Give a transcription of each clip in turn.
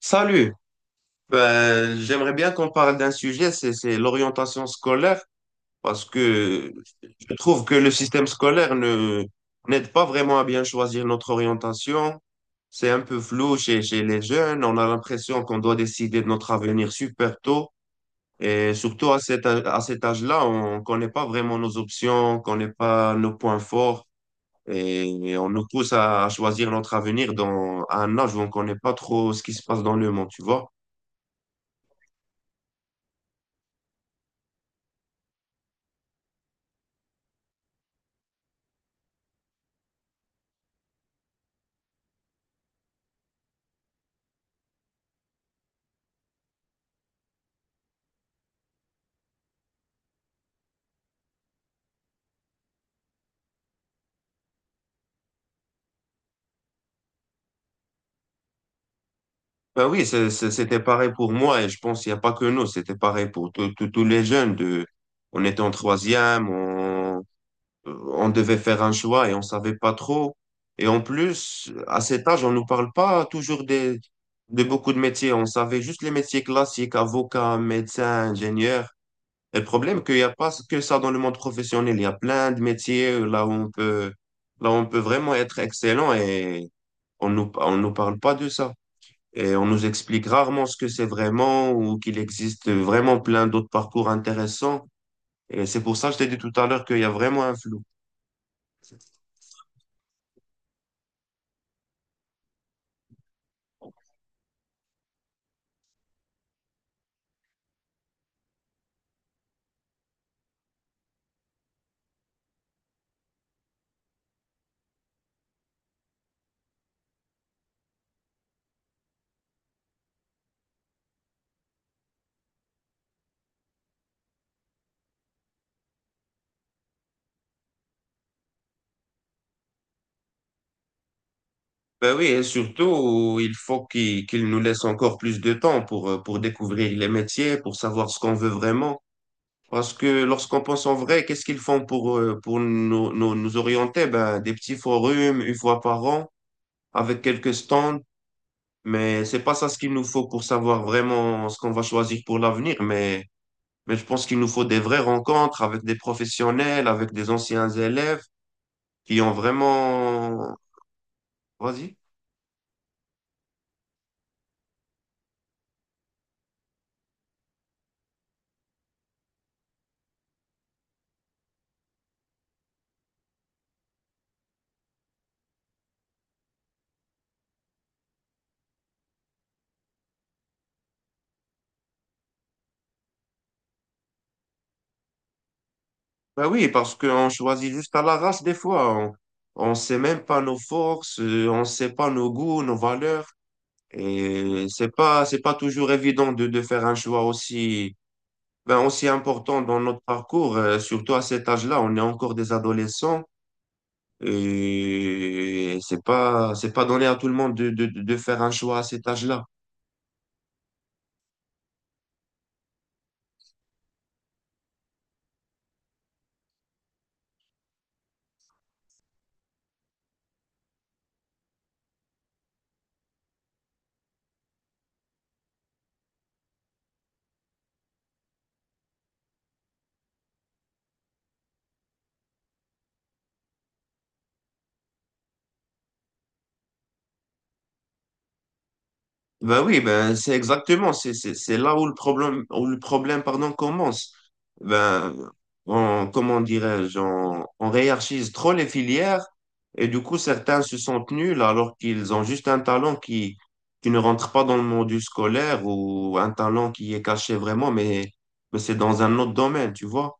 Salut. J'aimerais bien qu'on parle d'un sujet, c'est l'orientation scolaire, parce que je trouve que le système scolaire ne n'aide pas vraiment à bien choisir notre orientation. C'est un peu flou chez les jeunes, on a l'impression qu'on doit décider de notre avenir super tôt, et surtout à cet âge-là, on connaît pas vraiment nos options, on connaît pas nos points forts. Et on nous pousse à choisir notre avenir à un âge où on ne connaît pas trop ce qui se passe dans le monde, tu vois. Ben oui, c'était pareil pour moi et je pense qu'il n'y a pas que nous, c'était pareil pour tous les jeunes. On était en troisième, on devait faire un choix et on savait pas trop. Et en plus, à cet âge, on nous parle pas toujours de beaucoup de métiers. On savait juste les métiers classiques, avocat, médecin, ingénieur. Et le problème, qu'il n'y a pas que ça dans le monde professionnel. Il y a plein de métiers là où on peut vraiment être excellent et on nous parle pas de ça. Et on nous explique rarement ce que c'est vraiment ou qu'il existe vraiment plein d'autres parcours intéressants. Et c'est pour ça que je t'ai dit tout à l'heure qu'il y a vraiment un flou. Ben oui, et surtout, il faut qu'il nous laisse encore plus de temps pour découvrir les métiers, pour savoir ce qu'on veut vraiment. Parce que lorsqu'on pense en vrai, qu'est-ce qu'ils font pour nous orienter? Ben, des petits forums une fois par an, avec quelques stands, mais c'est pas ça ce qu'il nous faut pour savoir vraiment ce qu'on va choisir pour l'avenir. Mais je pense qu'il nous faut des vraies rencontres avec des professionnels, avec des anciens élèves qui ont vraiment... Vas-y. Bah oui, parce qu'on choisit juste à l'arrache des fois. On ne sait même pas nos forces, on ne sait pas nos goûts, nos valeurs. Et c'est pas toujours évident de faire un choix aussi, aussi important dans notre parcours, surtout à cet âge-là. On est encore des adolescents et c'est pas donné à tout le monde de faire un choix à cet âge-là. Ben oui, c'est exactement, c'est là où le problème pardon commence. Ben on comment dirais-je, on hiérarchise trop les filières et du coup certains se sentent nuls alors qu'ils ont juste un talent qui ne rentre pas dans le monde scolaire ou un talent qui est caché vraiment mais c'est dans un autre domaine, tu vois.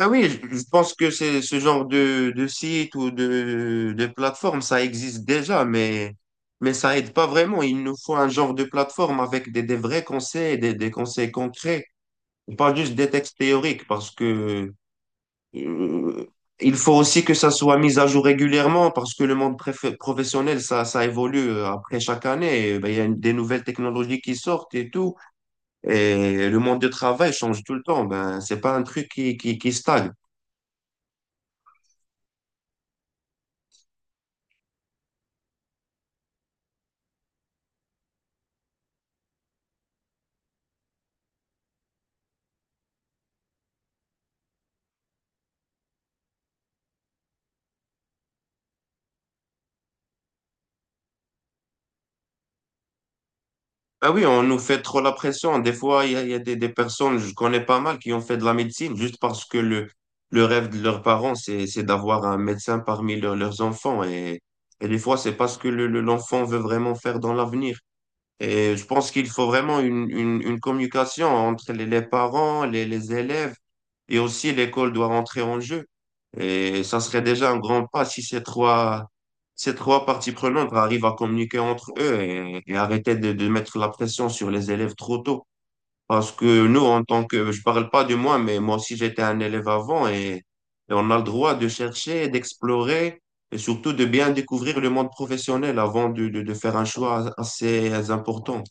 Ah oui, je pense que c'est ce genre de site ou de plateforme, ça existe déjà, mais ça aide pas vraiment. Il nous faut un genre de plateforme avec des vrais conseils, des conseils concrets, et pas juste des textes théoriques, parce que euh, il faut aussi que ça soit mis à jour régulièrement, parce que le monde professionnel, ça évolue après chaque année. Et ben, il y a des nouvelles technologies qui sortent et tout, et le monde du travail change tout le temps. Ben, c'est pas un truc qui stagne. Ah oui, on nous fait trop la pression. Des fois, il y a des personnes, je connais pas mal, qui ont fait de la médecine juste parce que le rêve de leurs parents, c'est d'avoir un médecin parmi leurs enfants. Et des fois, c'est pas ce que l'enfant veut vraiment faire dans l'avenir. Et je pense qu'il faut vraiment une communication entre les parents, les élèves et aussi l'école doit rentrer en jeu. Et ça serait déjà un grand pas si ces trois parties prenantes arrivent à communiquer entre eux et arrêter de mettre la pression sur les élèves trop tôt. Parce que nous, en tant que, je parle pas de moi, mais moi aussi j'étais un élève avant et on a le droit de chercher, d'explorer et surtout de bien découvrir le monde professionnel avant de faire un choix assez important.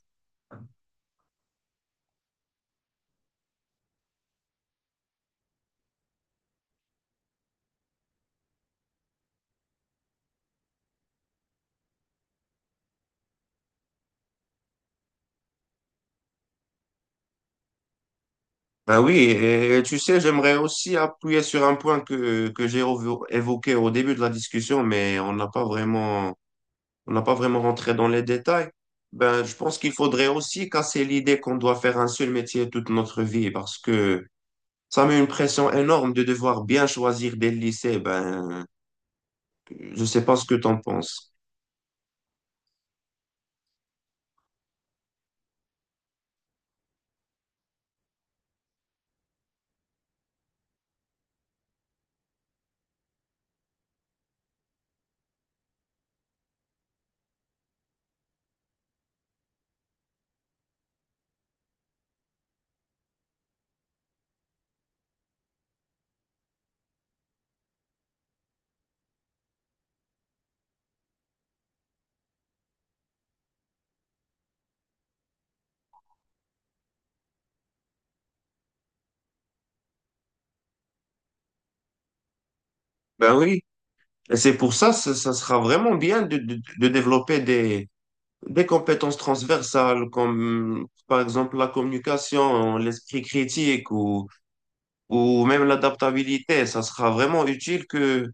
Ben oui, et tu sais, j'aimerais aussi appuyer sur un point que évoqué au début de la discussion, on n'a pas vraiment rentré dans les détails. Ben, je pense qu'il faudrait aussi casser l'idée qu'on doit faire un seul métier toute notre vie parce que ça met une pression énorme de devoir bien choisir dès le lycée. Ben, je sais pas ce que t'en penses. Ben oui, et c'est pour ça, ça sera vraiment bien de développer des compétences transversales comme par exemple la communication, l'esprit critique ou même l'adaptabilité, ça sera vraiment utile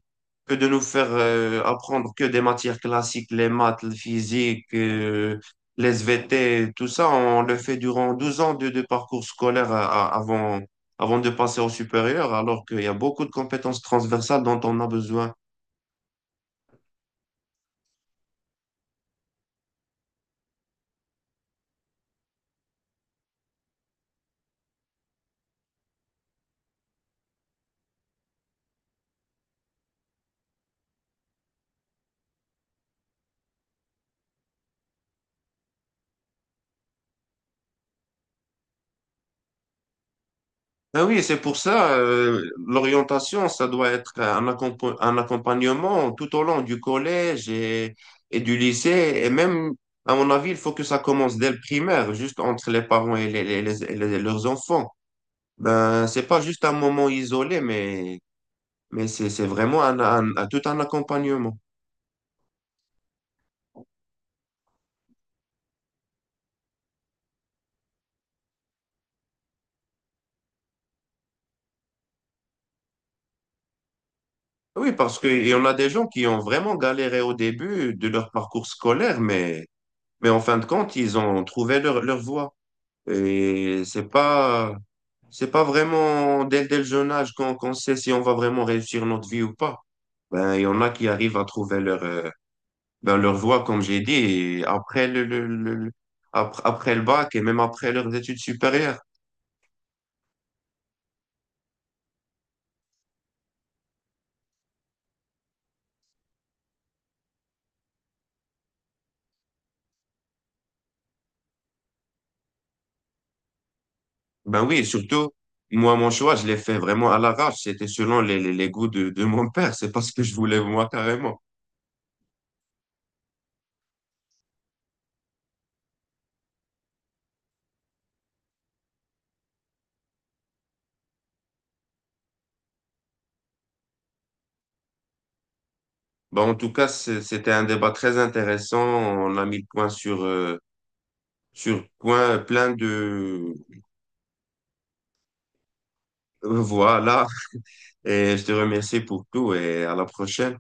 que de nous faire apprendre que des matières classiques, les maths, le physique, les SVT, tout ça, on le fait durant 12 ans de parcours scolaire avant, avant de passer au supérieur, alors qu'il y a beaucoup de compétences transversales dont on a besoin. Ben oui, c'est pour ça, l'orientation, ça doit être un accompagnement tout au long du collège et du lycée. Et même, à mon avis, il faut que ça commence dès le primaire, juste entre les parents leurs enfants. Ben, c'est pas juste un moment isolé, mais c'est vraiment tout un accompagnement. Oui, parce qu'il y en a des gens qui ont vraiment galéré au début de leur parcours scolaire, mais en fin de compte, ils ont trouvé leur voie. Et c'est pas... C'est pas vraiment dès le jeune âge qu'on sait si on va vraiment réussir notre vie ou pas. Ben, il y en a qui arrivent à trouver leur voie, comme j'ai dit, et après le bac et même après leurs études supérieures. Ben oui, surtout, moi, mon choix, je l'ai fait vraiment à l'arrache. C'était selon les goûts de mon père. C'est pas ce que je voulais, moi, carrément. Ben, en tout cas, c'était un débat très intéressant. On a mis le point sur, sur point, plein de, voilà. Et je te remercie pour tout et à la prochaine.